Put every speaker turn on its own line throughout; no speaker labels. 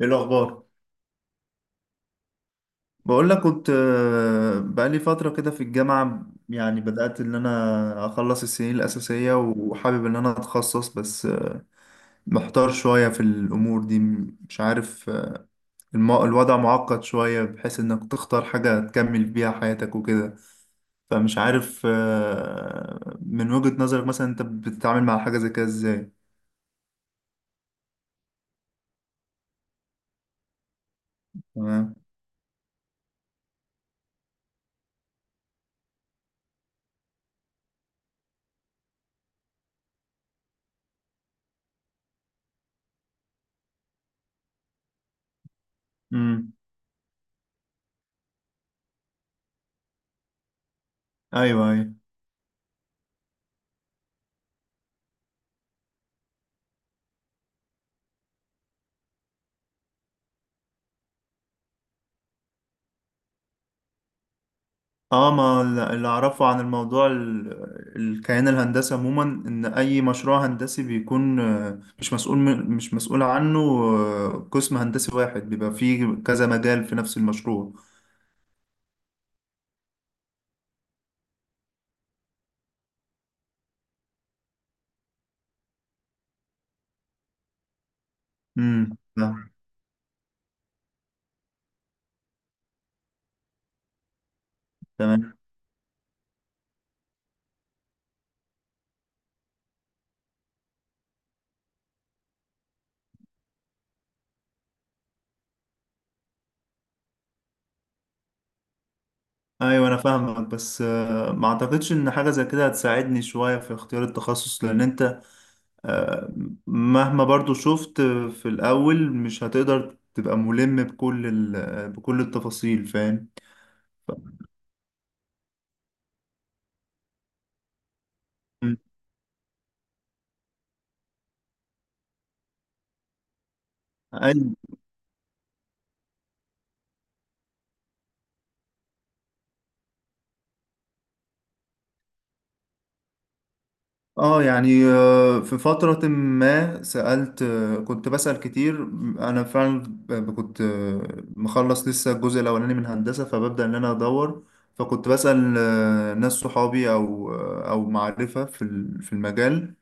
ايه الاخبار؟ بقول لك كنت، بقالي فتره كده في الجامعه. يعني بدات ان انا اخلص السنين الاساسيه وحابب ان انا اتخصص، بس محتار شويه في الامور دي. مش عارف، الوضع معقد شويه، بحيث انك تختار حاجه تكمل بيها حياتك وكده. فمش عارف، من وجهه نظرك مثلا انت بتتعامل مع حاجه زي كده ازاي؟ تمام. امم. ايوه، ايوه. اه. ما اللي اعرفه عن الموضوع، الكيان الهندسي عموما، ان اي مشروع هندسي بيكون مش مسؤول عنه، قسم هندسي واحد بيبقى فيه كذا مجال في نفس المشروع. امم. لا. تمام. ايوه، انا فاهمك، بس ما اعتقدش ان حاجه زي كده هتساعدني شويه في اختيار التخصص، لان انت آه، مهما برضو شفت، في الاول مش هتقدر تبقى ملم بكل بكل التفاصيل. فاهم. ف- مم. أيوة. اه، يعني، في فترة ما سألت، كنت بسأل كتير. أنا فعلا كنت مخلص لسه الجزء الأولاني من هندسة، فببدأ إن أنا أدور. فكنت بسأل ناس صحابي، أو معرفة في في المجال.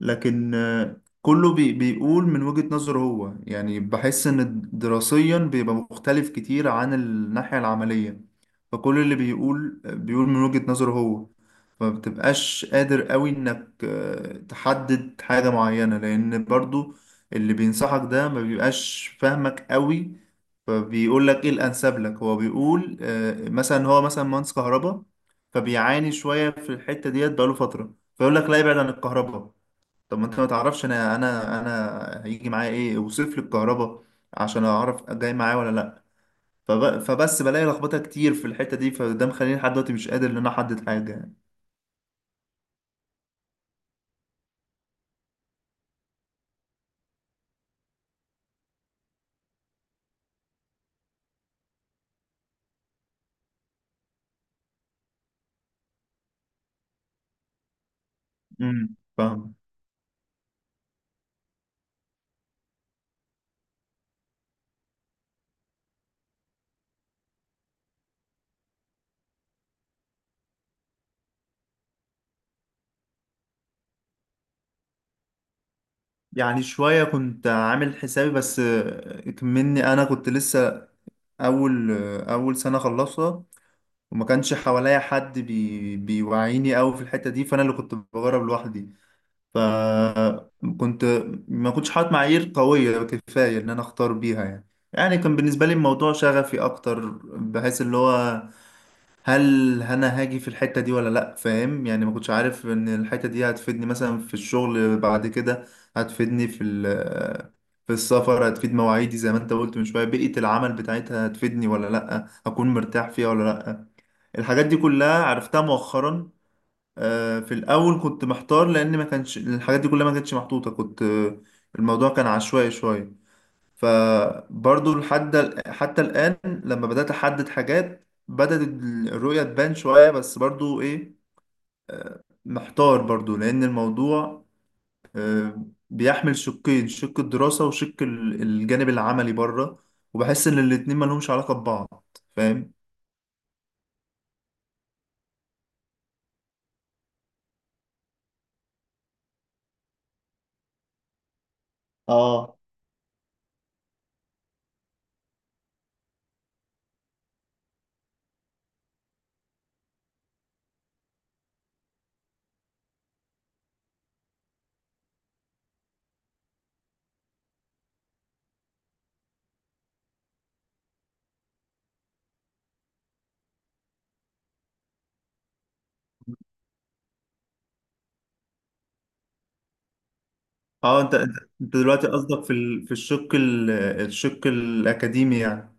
لكن كله بيقول من وجهة نظره هو. يعني بحس ان دراسيا بيبقى مختلف كتير عن الناحية العملية. فكل اللي بيقول من وجهة نظره هو. فمبتبقاش قادر قوي انك تحدد حاجة معينة، لان برضو اللي بينصحك ده ما بيبقاش فاهمك قوي، فبيقول لك ايه الانسب لك. هو بيقول مثلا هو مثلا مهندس كهرباء، فبيعاني شوية في الحتة ديت بقاله فترة، فيقول لك لا ابعد عن الكهرباء. طب ما انت ما تعرفش، انا هيجي معايا ايه؟ وصف لي الكهرباء عشان اعرف جاي معايا ولا لا. فبس بلاقي لخبطه كتير في الحته دي، فده مخليني لحد دلوقتي مش قادر ان انا احدد حاجه يعني. امم. فاهم. يعني شويه كنت عامل حسابي، بس مني انا كنت لسه اول، اول سنه خلصها، وما كانش حواليا حد بيوعيني قوي في الحته دي، فانا اللي كنت بجرب لوحدي. فكنت، ما كنتش حاطط معايير قوية كفاية إن أنا أختار بيها يعني. كان بالنسبة لي الموضوع شغفي أكتر، بحيث اللي هو، هل أنا هاجي في الحتة دي ولا لأ؟ فاهم يعني. ما كنتش عارف إن الحتة دي هتفيدني مثلا في الشغل بعد كده، هتفيدني في السفر، هتفيد مواعيدي، زي ما أنت قلت من شوية، بيئة العمل بتاعتها هتفيدني ولا لأ، أكون مرتاح فيها ولا لأ. الحاجات دي كلها عرفتها مؤخرا. في الاول كنت محتار، لان ما كانش الحاجات دي كلها، ما كانتش محطوطه، كنت، الموضوع كان عشوائي شويه. فبرضو لحد حتى الان، لما بدات احدد حاجات بدات الرؤيه تبان شويه. بس برضو ايه، محتار برضو، لان الموضوع بيحمل شقين: شق الدراسه وشق الجانب العملي بره، وبحس ان الاتنين ما لهمش علاقه ببعض. فاهم. اه، اه، انت انت أنت دلوقتي قصدك في في الشق الشق الاكاديمي يعني؟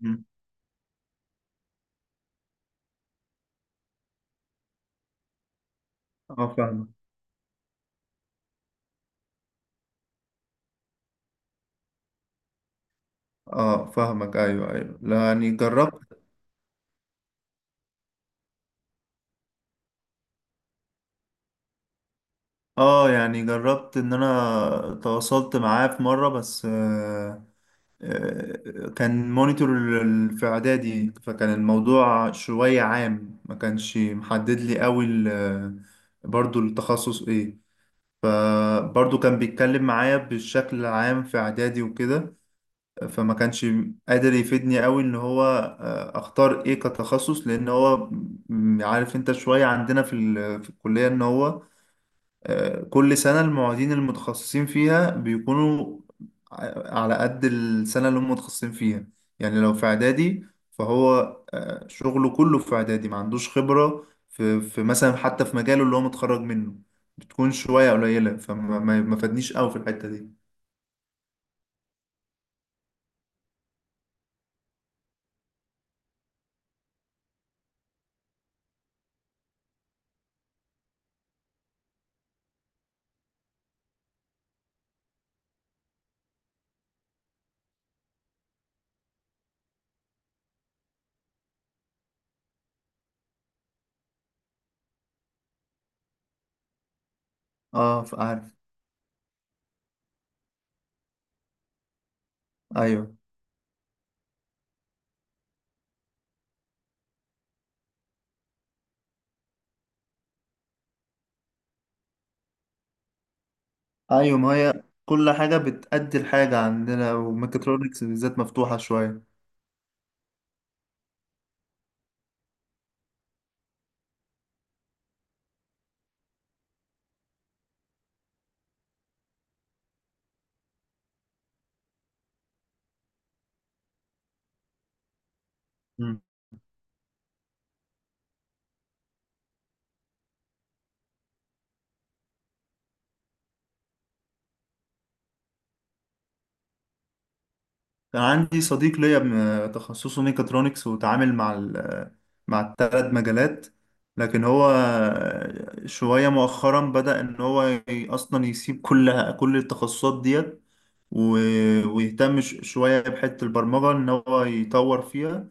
مم. اه فاهمك. اه فاهمك. ايوه، ايوه. لا، يعني جربت. اه، يعني جربت ان انا تواصلت معاه في مره، بس كان مونيتور في اعدادي، فكان الموضوع شويه عام، ما كانش محدد لي قوي برضو التخصص ايه. برضو كان بيتكلم معايا بالشكل العام في اعدادي وكده، فما كانش قادر يفيدني قوي ان هو اختار ايه كتخصص. لان هو، عارف انت، شوية عندنا في في الكلية ان هو كل سنة المعيدين المتخصصين فيها بيكونوا على قد السنة اللي هم متخصصين فيها. يعني لو في اعدادي، فهو شغله كله في اعدادي، ما عندوش خبرة في مثلا، حتى في مجاله اللي هو متخرج منه، بتكون شوية قليلة، فما ما ما فادنيش قوي في الحتة دي. اه عارف. ايوه، ايوه. ما هي كل حاجة بتأدي لحاجة عندنا، وميكاترونكس بالذات مفتوحة شوية. مم. كان عندي صديق ليا تخصصه ميكاترونكس، وتعامل مع مع الثلاث مجالات. لكن هو شوية مؤخرا بدأ إن هو أصلا يسيب كل التخصصات ديت، ويهتم شوية بحتة البرمجة إن هو يطور فيها.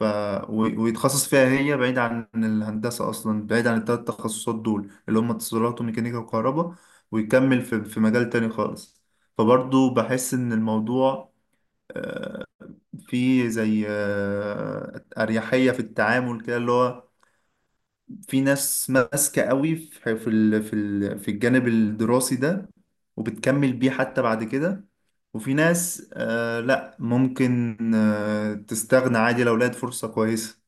ف... ويتخصص فيها هي، بعيد عن الهندسة أصلا، بعيد عن التلات تخصصات دول اللي هم اتصالات وميكانيكا وكهرباء، ويكمل في مجال تاني خالص. فبرضو بحس إن الموضوع فيه زي أريحية في التعامل، كده اللي هو، في ناس ماسكة قوي في في الجانب الدراسي ده، وبتكمل بيه حتى بعد كده. وفي ناس، آه لا، ممكن تستغنى عادي لو لقت فرصة كويسة.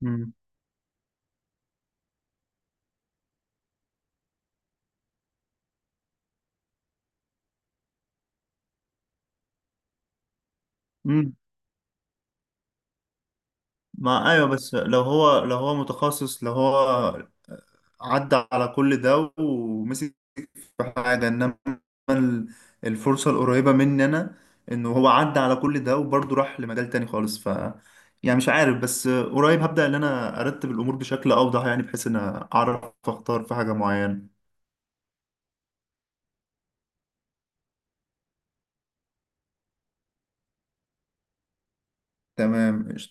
مم. مم. ما ايوه، بس لو هو متخصص، لو هو عدى على كل ده ومسك في حاجه. انما ال- الفرصه القريبه مني انا، انه هو عدى على كل ده وبرضه راح لمجال تاني خالص. يعني مش عارف، بس قريب هبدأ ان انا ارتب الامور بشكل اوضح، يعني بحيث ان اعرف اختار في حاجه معينه. تمام.